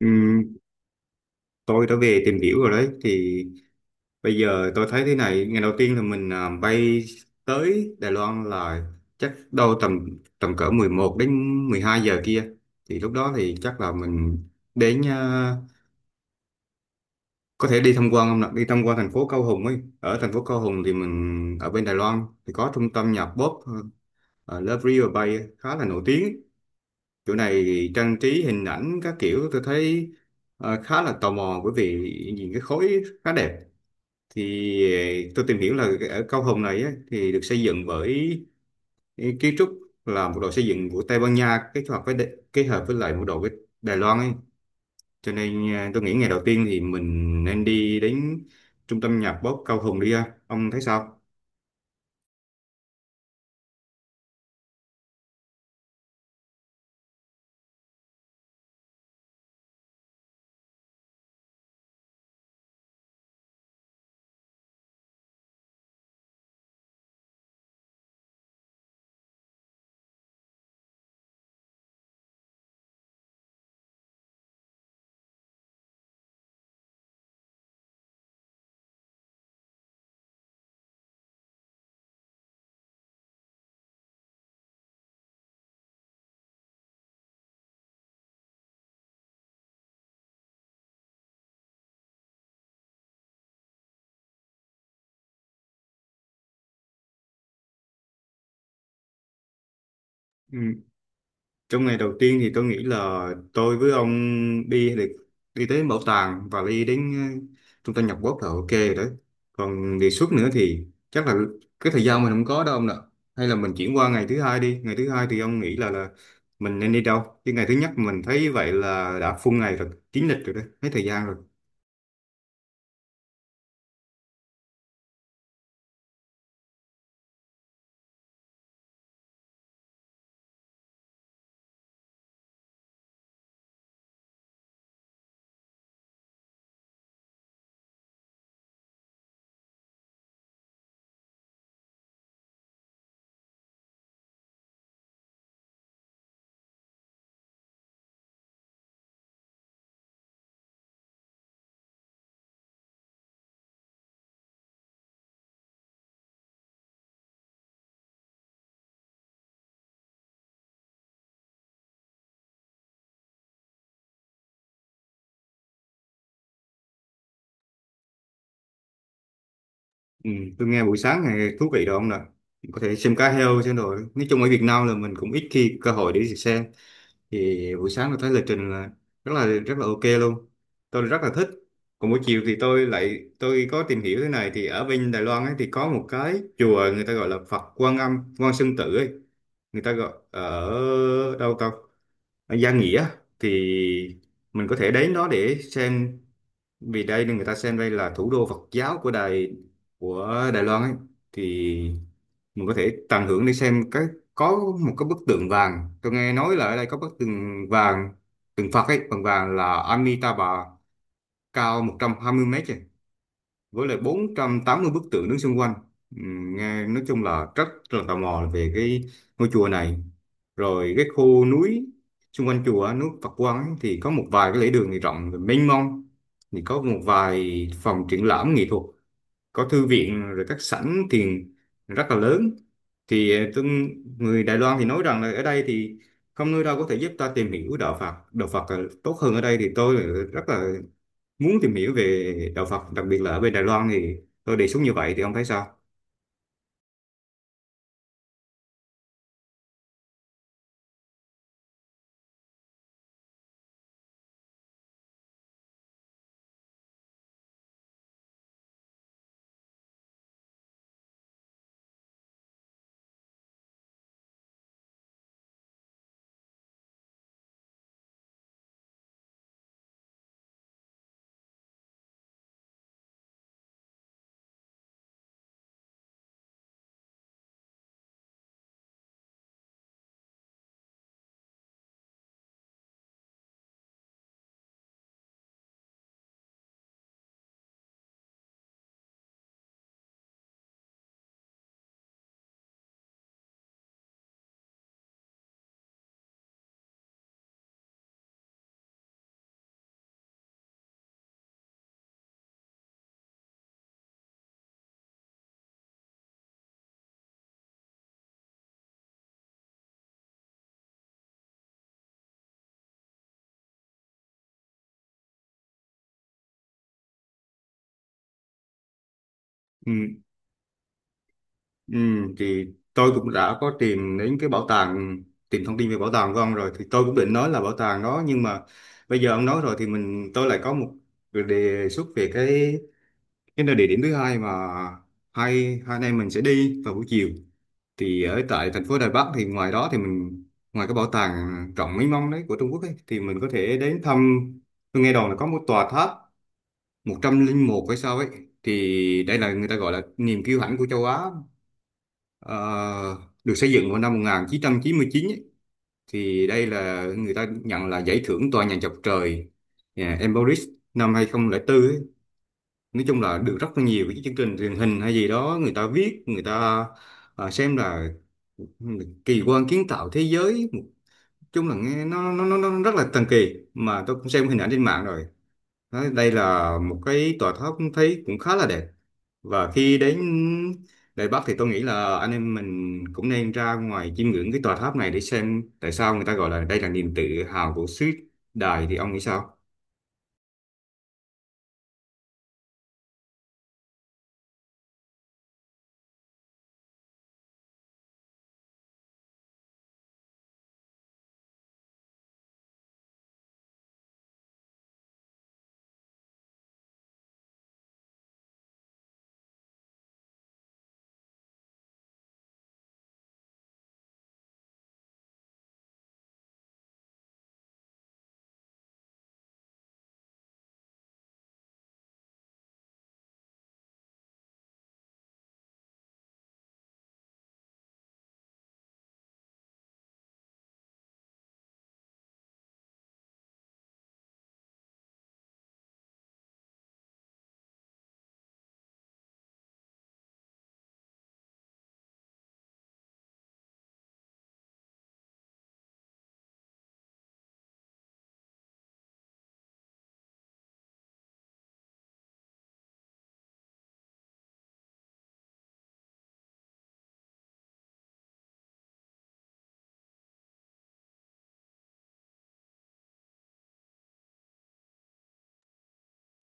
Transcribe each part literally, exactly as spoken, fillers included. Ừm, tôi đã về tìm hiểu rồi đấy. Thì bây giờ tôi thấy thế này, ngày đầu tiên là mình à, bay tới Đài Loan là chắc đâu tầm tầm cỡ mười một đến mười hai giờ kia. Thì lúc đó thì chắc là mình đến à, có thể đi tham quan không nào? Đi tham quan thành phố Cao Hùng ấy. Ở thành phố Cao Hùng thì mình ở bên Đài Loan thì có trung tâm nhạc pop ờ, Love River Bay khá là nổi tiếng. Chỗ này trang trí hình ảnh các kiểu, tôi thấy ờ, khá là tò mò bởi vì nhìn cái khối khá đẹp. Thì ờ, tôi tìm hiểu là ở Cao Hùng này á, thì được xây dựng bởi kiến trúc là một đội xây dựng của Tây Ban Nha kết hợp với Đ- kết hợp với lại một đội với Đài Loan ấy. Cho nên à, tôi nghĩ ngày đầu tiên thì mình nên đi đến trung tâm nhạc pop Cao Hùng đi ha. Ông thấy sao? Trong ngày đầu tiên thì tôi nghĩ là tôi với ông đi được, đi tới bảo tàng và đi đến ờ, trung tâm nhập quốc là ok rồi đấy. Còn đề xuất nữa thì chắc là cái thời gian mình không có đâu ông nè. Hay là mình chuyển qua ngày thứ hai đi. Ngày thứ hai thì ông nghĩ là là mình nên đi đâu? Chứ ngày thứ nhất mình thấy vậy là đã full ngày rồi, kín lịch rồi đấy, hết thời gian rồi. Ừ, tôi nghe buổi sáng này thú vị rồi ông nè. Có thể xem cá heo xem rồi. Nói chung ở Việt Nam là mình cũng ít khi cơ hội để đi xem. Thì buổi sáng tôi thấy lịch trình là rất là rất là ok luôn, tôi rất là thích. Còn buổi chiều thì tôi lại tôi có tìm hiểu thế này, thì ở bên Đài Loan ấy thì có một cái chùa người ta gọi là Phật Quan Âm Quan Sơn Tử ấy, người ta gọi ở đâu ta, ở Gia Nghĩa. Thì mình có thể đến đó để xem vì đây người ta xem đây là thủ đô Phật giáo của Đài của Đài Loan ấy. Thì mình có thể tận hưởng để xem cái, có một cái bức tượng vàng, tôi nghe nói là ở đây có bức tượng vàng, tượng Phật ấy bằng vàng là Amitabha cao một trăm hai mươi mét ấy, với lại bốn trăm tám mươi bức tượng đứng xung quanh. Ừm, nghe nói chung là rất là tò mò về cái ngôi chùa này, rồi cái khu núi xung quanh chùa núi Phật Quang ấy, thì có một vài cái lễ đường thì rộng và mênh mông, thì có một vài phòng triển lãm nghệ thuật, có thư viện rồi các sảnh thiền rất là lớn. Thì ờ, tôi, người Đài Loan thì nói rằng là ở đây thì không nơi đâu có thể giúp ta tìm hiểu đạo Phật, đạo Phật ờ, tốt hơn ở đây. Thì tôi là rất là muốn tìm hiểu về đạo Phật đặc biệt là ở bên Đài Loan. Thì tôi đề xuất như vậy, thì ông thấy sao? Ừ, ừ, thì tôi cũng đã có tìm đến cái bảo tàng, tìm thông tin về bảo tàng của ông rồi. Thì tôi cũng định nói là bảo tàng đó nhưng mà bây giờ ông nói rồi thì mình tôi lại có một đề xuất về cái Cái nơi địa điểm thứ hai mà hai hai anh em mình sẽ đi vào buổi chiều. Thì ở tại thành phố Đài Bắc thì ngoài đó thì mình, ngoài cái bảo tàng rộng mênh mông đấy của Trung Quốc ấy, thì mình có thể đến thăm. Tôi nghe đồn là có một tòa tháp một trăm linh một hay sao ấy, thì đây là người ta gọi là niềm kiêu hãnh của châu Á. Ờ, Được xây dựng vào năm một nghìn chín trăm chín mươi chín ấy. Thì đây là người ta nhận là giải thưởng tòa nhà chọc trời yeah, Emporis năm hai không không tư ấy. Nói chung là được rất là nhiều cái chương trình truyền hình hay gì đó người ta viết, người ta à, xem là kỳ quan kiến tạo thế giới. Nói chung là nghe nó nó nó, nó rất là thần kỳ, mà tôi cũng xem hình ảnh trên mạng rồi. Nói đây là một cái tòa tháp thấy cũng khá là đẹp. Và khi đến Đài Bắc thì tôi nghĩ là anh em mình cũng nên ra ngoài chiêm ngưỡng cái tòa tháp này để xem tại sao người ta gọi là đây là niềm tự hào của xứ Đài. Thì ông nghĩ sao?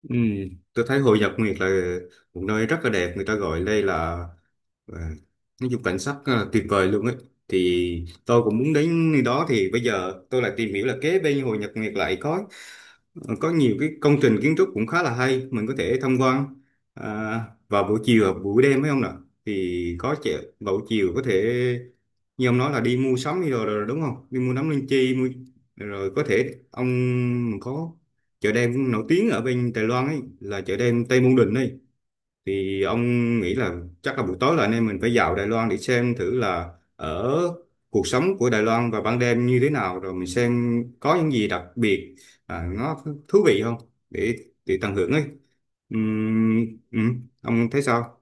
Ừ, tôi thấy Hội Nhật Nguyệt là một nơi rất là đẹp, người ta gọi đây là, à, nói chung cảnh sắc à, tuyệt vời luôn ấy. Thì tôi cũng muốn đến nơi đó. Thì bây giờ tôi lại tìm hiểu là kế bên Hồ Nhật Nguyệt lại có ờ, có nhiều cái công trình kiến trúc cũng khá là hay, mình có thể tham quan à, vào buổi chiều hoặc buổi đêm phải không nào? Thì có trẻ vào buổi chiều có thể như ông nói là đi mua sắm đi rồi, rồi đúng không, đi mua nắm linh chi mua, rồi có thể ông có chợ đêm nổi tiếng ở bên Đài Loan ấy là chợ đêm Tây Môn Đình ấy. Thì ông nghĩ là chắc là buổi tối là anh em mình phải vào Đài Loan để xem thử là ở cuộc sống của Đài Loan vào ban đêm như thế nào, rồi mình xem có những gì đặc biệt, à, nó thú vị không, để để tận hưởng ấy. Ừm, ừm, ông thấy sao?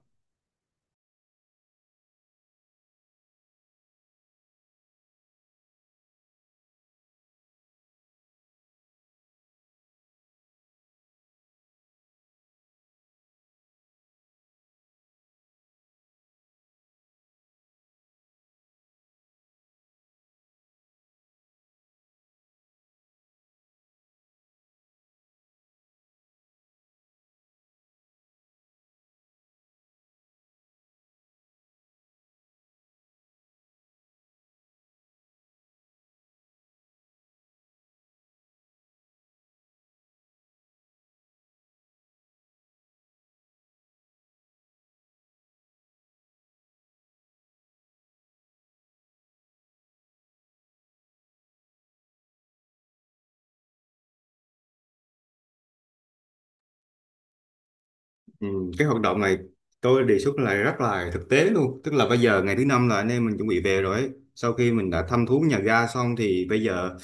Ừm, cái hoạt động này tôi đề xuất là rất là thực tế luôn, tức là bây giờ ngày thứ năm là anh em mình chuẩn bị về rồi ấy. Sau khi mình đã thăm thú nhà ga xong thì bây giờ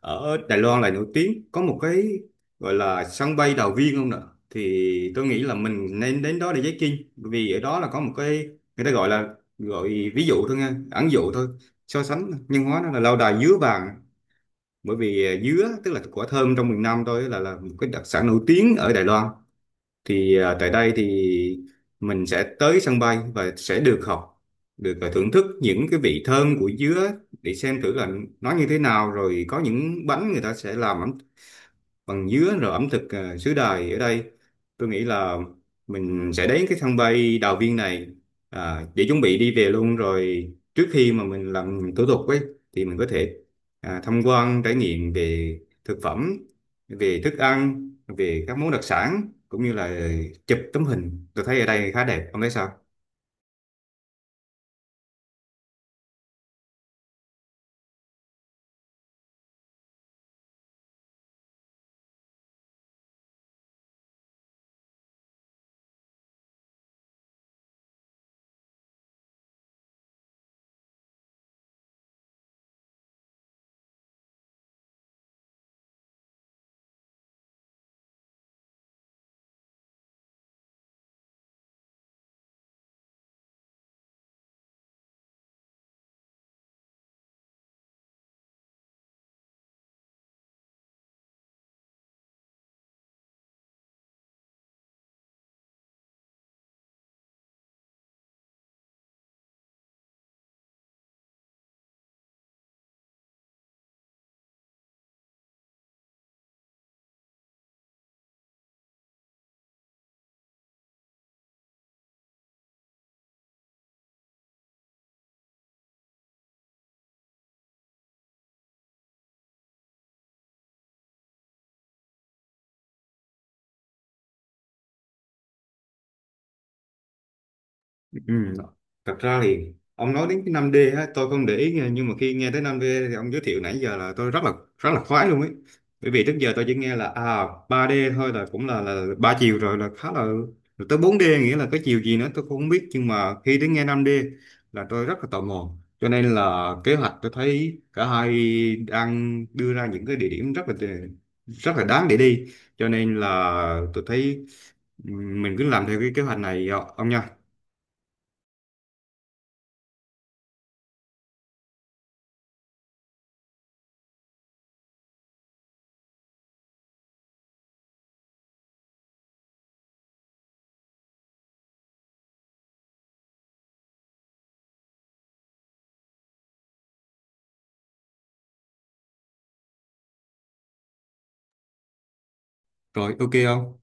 ở Đài Loan là nổi tiếng có một cái gọi là sân bay Đào Viên không nè. Thì tôi nghĩ là mình nên đến đó để check in, bởi vì ở đó là có một cái người ta gọi là, gọi ví dụ thôi nha, ẩn dụ thôi, so sánh nhân hóa nó là lâu đài dứa vàng. Bởi vì à, dứa tức là quả thơm trong miền Nam thôi là là một cái đặc sản nổi tiếng ở Đài Loan. Thì à, tại đây thì mình sẽ tới sân bay và sẽ được học được à, thưởng thức những cái vị thơm của dứa, để xem thử là nó như thế nào, rồi có những bánh người ta sẽ làm ẩm bằng dứa, rồi ẩm thực ờ, xứ Đài ở đây. Tôi nghĩ là mình sẽ đến cái sân bay Đào Viên này à, để chuẩn bị đi về luôn rồi. Trước khi mà mình làm thủ tục ấy thì mình có thể à, tham quan trải nghiệm về thực phẩm, về thức ăn, về các món đặc sản, cũng như là chụp tấm hình, tôi thấy ở đây khá đẹp. Ông thấy sao? Ừ. Thật ra thì ông nói đến cái năm d á, tôi không để ý nghe, nhưng mà khi nghe tới năm d thì ông giới thiệu nãy giờ là tôi rất là rất là khoái luôn ấy. Bởi vì trước giờ tôi chỉ nghe là à ba d thôi, là cũng là là ba chiều rồi, là khá là, rồi tới bốn d nghĩa là cái chiều gì nữa tôi cũng không biết, nhưng mà khi đến nghe năm d là tôi rất là tò mò. Cho nên là kế hoạch tôi thấy cả hai đang đưa ra những cái địa điểm rất là rất là đáng để đi. Cho nên là tôi thấy, ừ, mình cứ làm theo cái kế hoạch này ông nha. Rồi ok không?